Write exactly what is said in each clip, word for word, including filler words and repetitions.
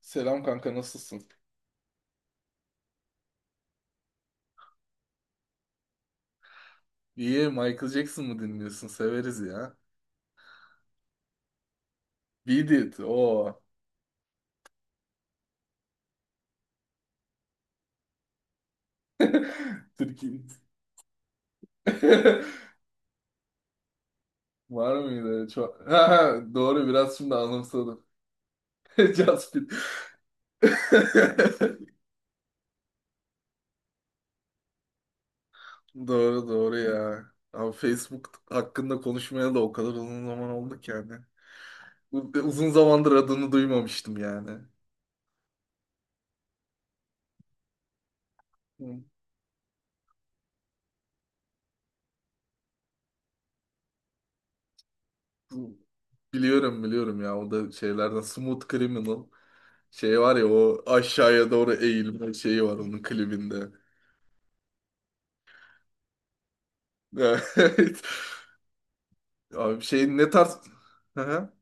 Selam kanka, nasılsın? İyi, Michael Jackson mı dinliyorsun? Severiz ya. Beat It. O. Türkiye. Var mıydı? Çok... Ha, ha, doğru, biraz şimdi anımsadım. Just Beat. Doğru doğru ya. Abi Facebook hakkında konuşmaya da o kadar uzun zaman oldu ki yani. U- Uzun zamandır adını duymamıştım yani. Hı. Biliyorum biliyorum ya, o da şeylerden, Smooth Criminal. Şey var ya, o aşağıya doğru eğilme şeyi var onun klibinde. Evet. Abi şey ne tarz... Hı hı,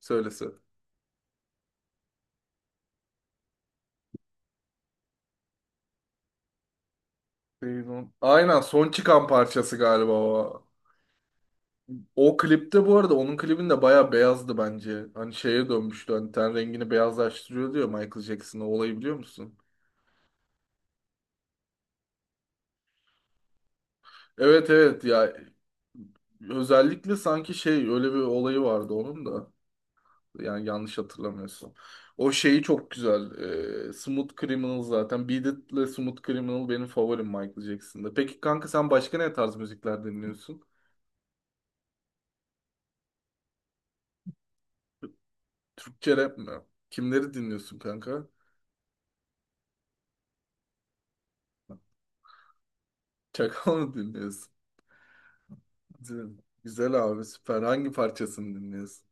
söylese. Aynen, son çıkan parçası galiba o. O klipte bu arada, onun klibinde bayağı beyazdı bence. Hani şeye dönmüştü, hani ten rengini beyazlaştırıyor diyor Michael Jackson, o olayı biliyor musun? Evet evet ya, özellikle sanki şey, öyle bir olayı vardı onun da. Yani yanlış hatırlamıyorsun. O şeyi çok güzel. Ee, Smooth Criminal zaten. Beat It ile Smooth Criminal benim favorim Michael Jackson'da. Peki kanka, sen başka ne tarz müzikler dinliyorsun? Türkçe rap mi? Kimleri dinliyorsun kanka? Çakal mı dinliyorsun? Güzel, güzel abi, süper. Hangi parçasını dinliyorsun?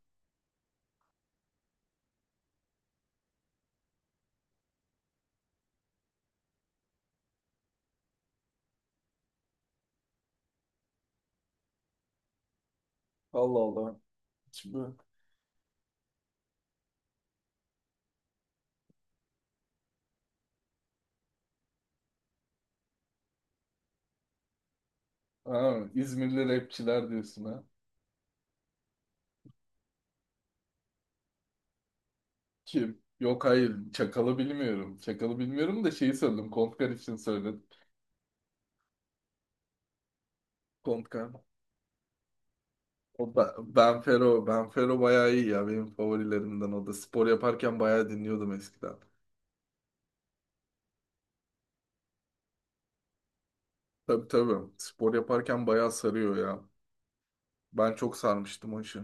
Allah Allah. Şimdi ha, İzmirli rapçiler diyorsun ha. Kim? Yok hayır. Çakal'ı bilmiyorum. Çakal'ı bilmiyorum da şeyi söyledim. Kontkar için söyledim. Kontkar. O Be- Benfero, Benfero bayağı iyi ya. Benim favorilerimden o da. Spor yaparken bayağı dinliyordum eskiden. Tabii tabii. Spor yaparken bayağı sarıyor ya. Ben çok sarmıştım o işi.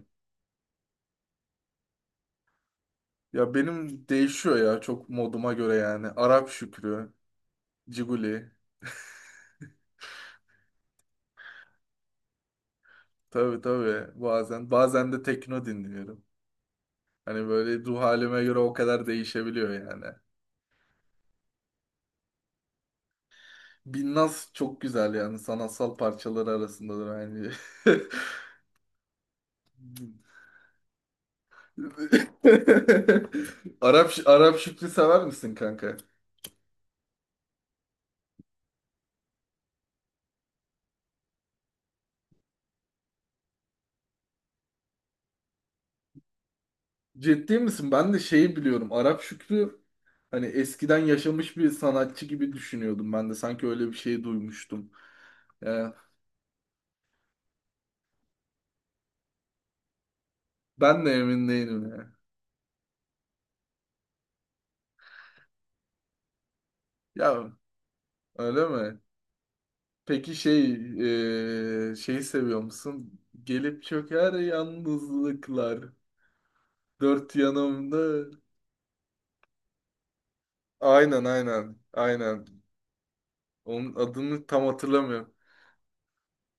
Ya benim değişiyor ya, çok moduma göre yani. Arap Şükrü, Ciguli. Tabii tabii. Bazen bazen de tekno dinliyorum. Hani böyle ruh halime göre o kadar değişebiliyor yani. Binnaz çok güzel, yani sanatsal parçaları arasındadır aynı. Arap Arap Şükrü sever misin kanka? Ciddi misin? Ben de şeyi biliyorum. Arap Şükrü, hani eskiden yaşamış bir sanatçı gibi düşünüyordum ben de. Sanki öyle bir şey duymuştum. Ee, Ben de emin değilim ya. Ya öyle mi? Peki şey, e, şeyi seviyor musun? Gelip çöker yalnızlıklar. Dört yanımda. Aynen aynen. Aynen. Onun adını tam hatırlamıyorum.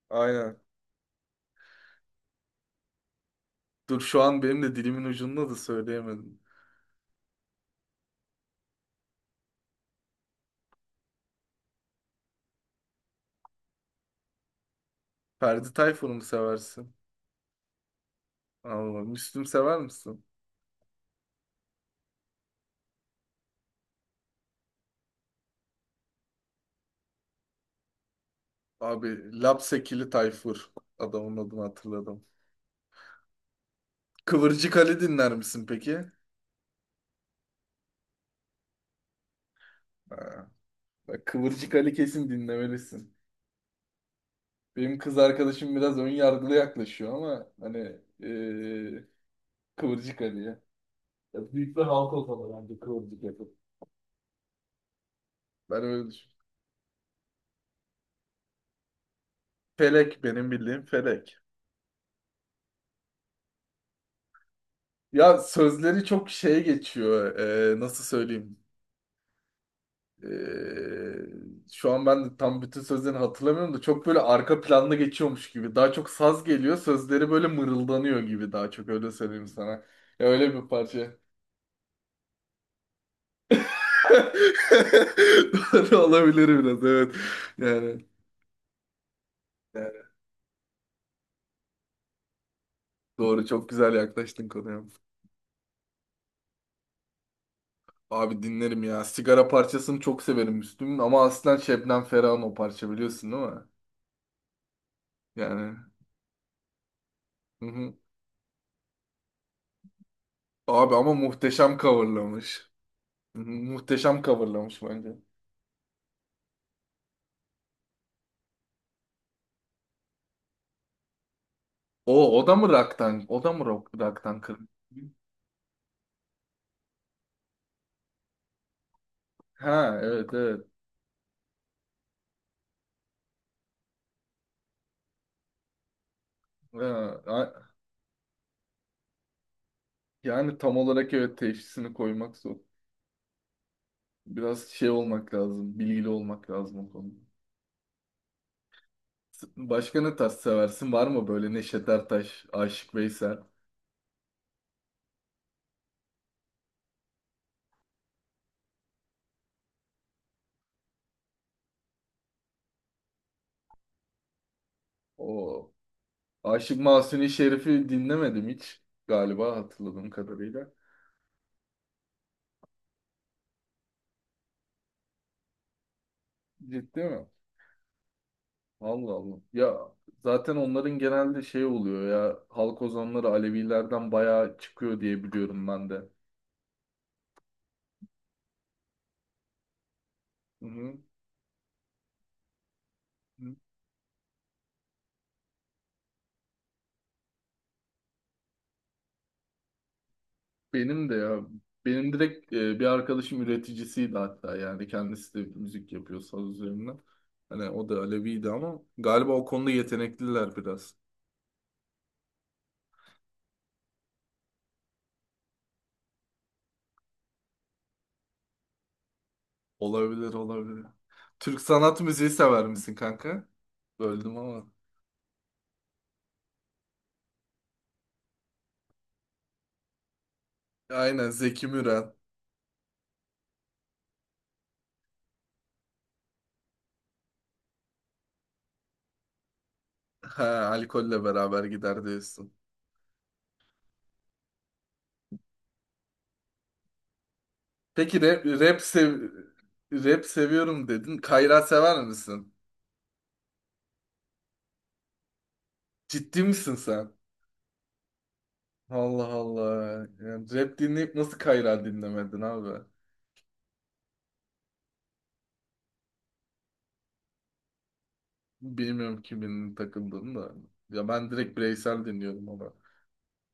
Aynen. Dur şu an benim de dilimin ucunda da söyleyemedim. Ferdi Tayfur'u mu seversin? Allah. Müslüm sever misin? Abi Lapsekili Tayfur. Adamın adını hatırladım. Kıvırcık Ali dinler misin peki? Ha, bak Kıvırcık Ali kesin dinlemelisin. Benim kız arkadaşım biraz ön yargılı yaklaşıyor ama hani eee Kıvırcık Ali'ye. Ya büyük bir halk ortamı bence kıvırcık yapıp. Ben öyle düşünüyorum. Felek, benim bildiğim Felek. Ya sözleri çok şeye geçiyor. Eee, nasıl söyleyeyim? Ee, Şu an ben de tam bütün sözlerini hatırlamıyorum da çok böyle arka planda geçiyormuş gibi. Daha çok saz geliyor, sözleri böyle mırıldanıyor gibi, daha çok öyle söyleyeyim sana. Ya öyle bir parça. Doğru olabilir biraz, evet. Yani, yani doğru, çok güzel yaklaştın konuya. Abi dinlerim ya. Sigara parçasını çok severim Müslüm'ün, ama aslen Şebnem Ferah'ın o parça, biliyorsun değil mi? Yani. Hı hı. Abi ama muhteşem coverlamış. Hı hı, muhteşem coverlamış bence. O, o da mı rock'tan? O da mı rock, rock'tan kırmızı? Ha evet evet. Ha, a- yani tam olarak evet teşhisini koymak zor. Biraz şey olmak lazım. Bilgili olmak lazım o konuda. S- Başka ne tarz seversin? Var mı böyle, Neşet Ertaş, Aşık Veysel? O Aşık Mahzuni Şerif'i dinlemedim hiç galiba, hatırladığım kadarıyla. Ciddi mi? Allah Allah. Ya zaten onların genelde şey oluyor ya, halk ozanları Alevilerden bayağı çıkıyor diye biliyorum ben de. Hı hı. Benim de ya benim direkt e, bir arkadaşım üreticisiydi hatta, yani kendisi de müzik yapıyor saz üzerine. Hani o da Aleviydi, ama galiba o konuda yetenekliler biraz. Olabilir olabilir. Türk sanat müziği sever misin kanka? Böldüm ama. Aynen, Zeki Müren. Ha, alkolle beraber gider diyorsun. Peki rap, rap, sev- rap seviyorum dedin. Kayra sever misin? Ciddi misin sen? Allah Allah. Yani rap dinleyip nasıl Kayra dinlemedin abi? Bilmiyorum kimin takıldığını da. Ya ben direkt bireysel dinliyorum ama.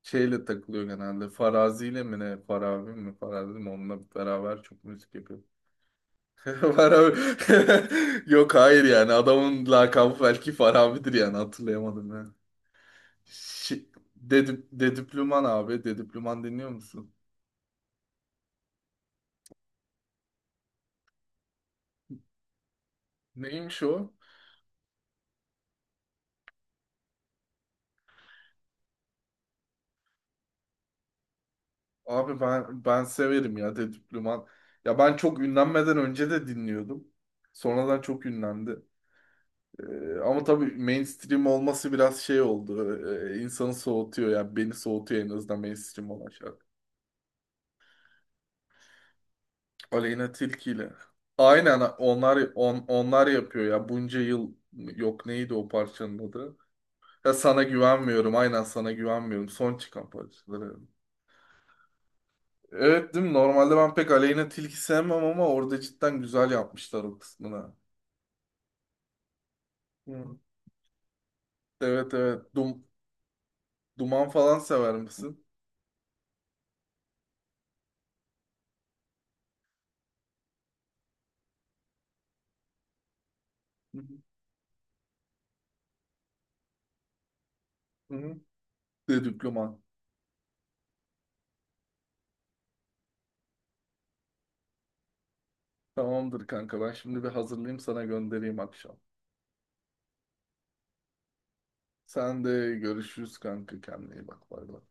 Şeyle takılıyor genelde. Farazi ile mi ne? Farabi mi? Farazi mi? Onunla beraber çok müzik yapıyor. Farabi. Yok hayır yani. Adamın lakabı belki Farabi'dir yani. Hatırlayamadım ben. Şi... Dedip, Dedüplüman abi. Dedüplüman dinliyor musun? Neymiş o? Abi ben ben severim ya Dedip Duman. Ya ben çok ünlenmeden önce de dinliyordum. Sonradan çok ünlendi. Ee, ama tabii mainstream olması biraz şey oldu. Ee, insanı soğutuyor yani, beni soğutuyor en azından mainstream olan şarkı. Aleyna Tilki ile. Aynen onlar, on, onlar yapıyor ya bunca yıl, yok neydi o parçanın adı? Ya sana güvenmiyorum, aynen sana güvenmiyorum, son çıkan parçaları. Evet değil mi? Normalde ben pek Aleyna Tilki sevmem ama orada cidden güzel yapmışlar o kısmını. Hı. Evet evet. Dum- duman falan sever misin? Hı hı. Hı hı. Dedüklüman. Tamamdır kanka, ben şimdi bir hazırlayayım sana göndereyim akşam. Sen de görüşürüz kanka, kendine iyi bak, bay bay.